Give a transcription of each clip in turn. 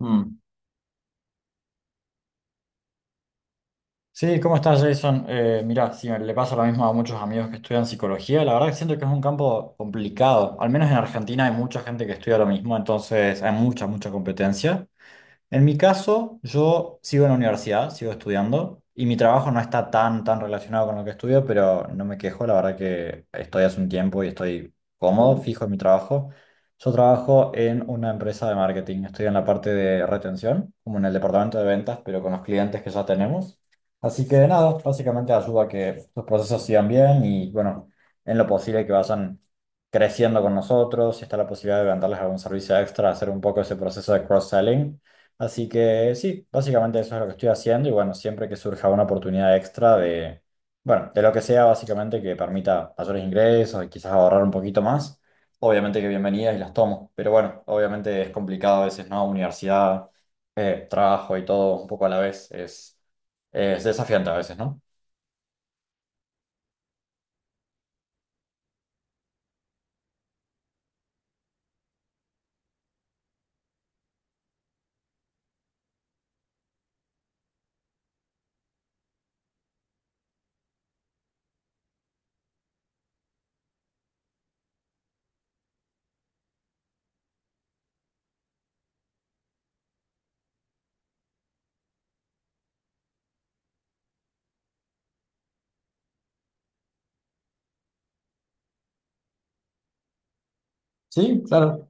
Mm. Sí, ¿cómo estás, Jason? Mira, sí, le pasa lo mismo a muchos amigos que estudian psicología. La verdad que siento que es un campo complicado. Al menos en Argentina hay mucha gente que estudia lo mismo, entonces hay mucha competencia. En mi caso, yo sigo en la universidad, sigo estudiando y mi trabajo no está tan relacionado con lo que estudio, pero no me quejo, la verdad que estoy hace un tiempo y estoy cómodo, fijo en mi trabajo. Yo trabajo en una empresa de marketing, estoy en la parte de retención, como en el departamento de ventas, pero con los clientes que ya tenemos. Así que nada, básicamente ayuda a que los procesos sigan bien y bueno, en lo posible que vayan creciendo con nosotros, si está la posibilidad de venderles algún servicio extra, hacer un poco ese proceso de cross-selling. Así que sí, básicamente eso es lo que estoy haciendo y bueno, siempre que surja una oportunidad extra de, bueno, de lo que sea básicamente que permita mayores ingresos y quizás ahorrar un poquito más, obviamente que bienvenidas y las tomo, pero bueno, obviamente es complicado a veces, ¿no? Universidad, trabajo y todo un poco a la vez, es desafiante a veces, ¿no? Sí, claro.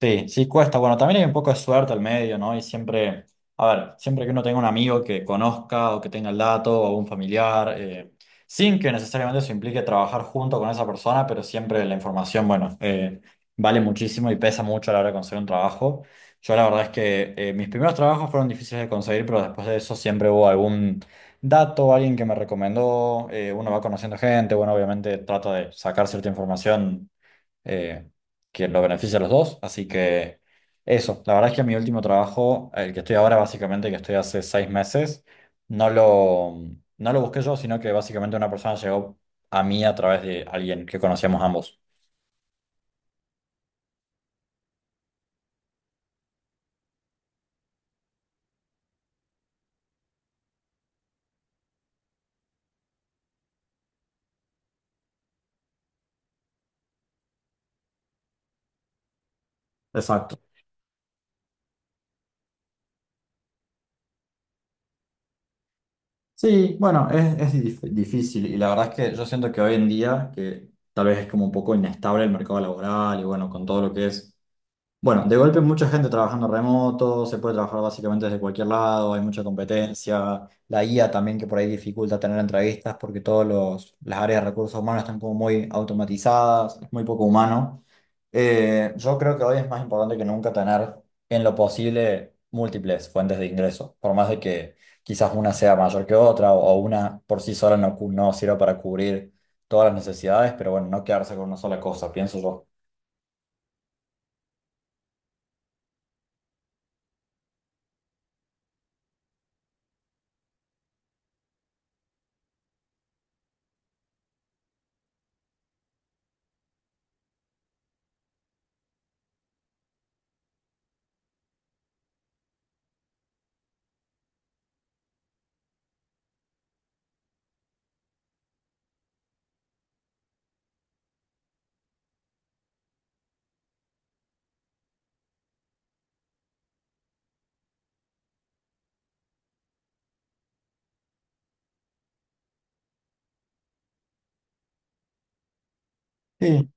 Sí, sí cuesta. Bueno, también hay un poco de suerte al medio, ¿no? Y siempre, a ver, siempre que uno tenga un amigo que conozca o que tenga el dato o un familiar, sin que necesariamente eso implique trabajar junto con esa persona, pero siempre la información, bueno, vale muchísimo y pesa mucho a la hora de conseguir un trabajo. Yo la verdad es que mis primeros trabajos fueron difíciles de conseguir, pero después de eso siempre hubo algún dato, alguien que me recomendó, uno va conociendo gente, bueno, obviamente trata de sacar cierta información eh, que lo beneficia a los dos. Así que eso, la verdad es que mi último trabajo, el que estoy ahora básicamente, que estoy hace 6 meses, no lo, no lo busqué yo, sino que básicamente una persona llegó a mí a través de alguien que conocíamos ambos. Exacto. Sí, bueno, es, difícil y la verdad es que yo siento que hoy en día, que tal vez es como un poco inestable el mercado laboral y bueno, con todo lo que es bueno, de golpe mucha gente trabajando remoto, se puede trabajar básicamente desde cualquier lado, hay mucha competencia, la IA también que por ahí dificulta tener entrevistas porque todas las áreas de recursos humanos están como muy automatizadas, es muy poco humano. Yo creo que hoy es más importante que nunca tener en lo posible múltiples fuentes de ingreso, por más de que quizás una sea mayor que otra o una por sí sola no, no sirva para cubrir todas las necesidades, pero bueno, no quedarse con una sola cosa, pienso yo. Sí.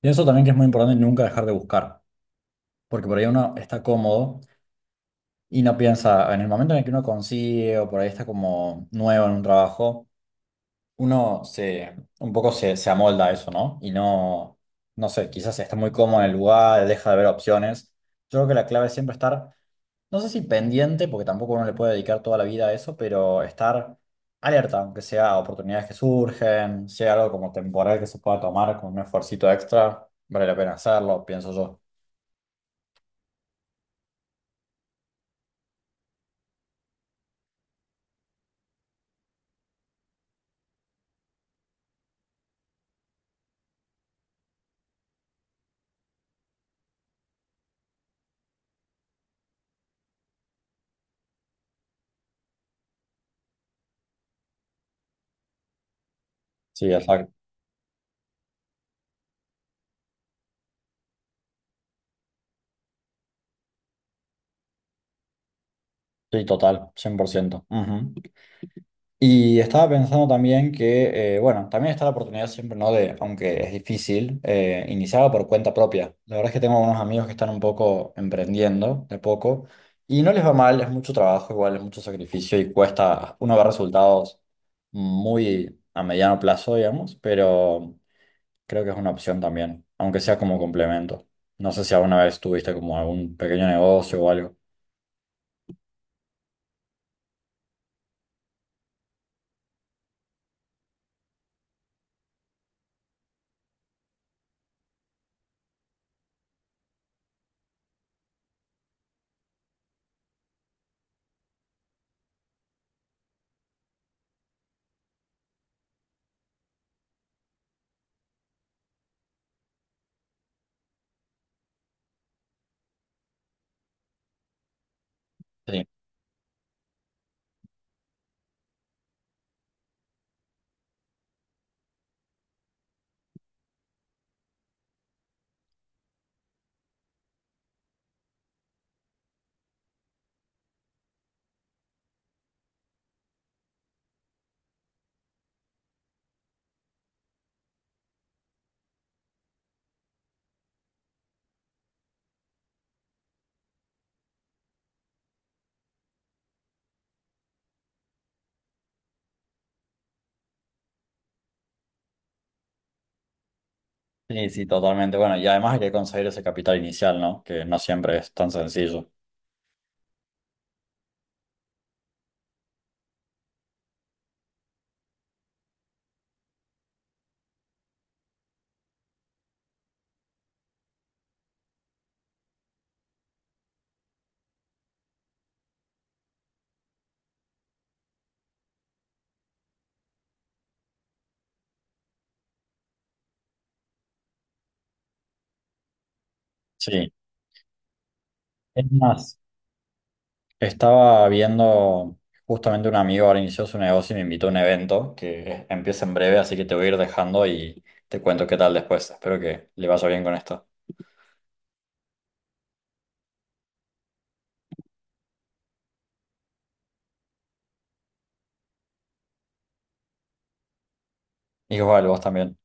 Pienso también que es muy importante nunca dejar de buscar, porque por ahí uno está cómodo y no piensa, en el momento en el que uno consigue o por ahí está como nuevo en un trabajo, un poco se amolda a eso, ¿no? Y no, no sé, quizás está muy cómodo en el lugar, deja de ver opciones. Yo creo que la clave es siempre estar, no sé si pendiente, porque tampoco uno le puede dedicar toda la vida a eso, pero estar alerta, aunque sea a oportunidades que surgen, sea algo como temporal que se pueda tomar con un esfuercito extra, vale la pena hacerlo, pienso yo. Sí, exacto. Sí, total, 100%. Ujú. Y estaba pensando también que, bueno, también está la oportunidad siempre, ¿no? De, aunque es difícil, iniciar por cuenta propia. La verdad es que tengo unos amigos que están un poco emprendiendo de poco y no les va mal, es mucho trabajo, igual es mucho sacrificio y cuesta, uno ve resultados muy a mediano plazo, digamos, pero creo que es una opción también, aunque sea como complemento. No sé si alguna vez tuviste como algún pequeño negocio o algo. Sí, sí, totalmente. Bueno, y además hay que conseguir ese capital inicial, ¿no? Que no siempre es tan sencillo. Sí. Es más, estaba viendo justamente un amigo ahora inició su negocio y me invitó a un evento que empieza en breve, así que te voy a ir dejando y te cuento qué tal después. Espero que le vaya bien con esto. Igual, vos también.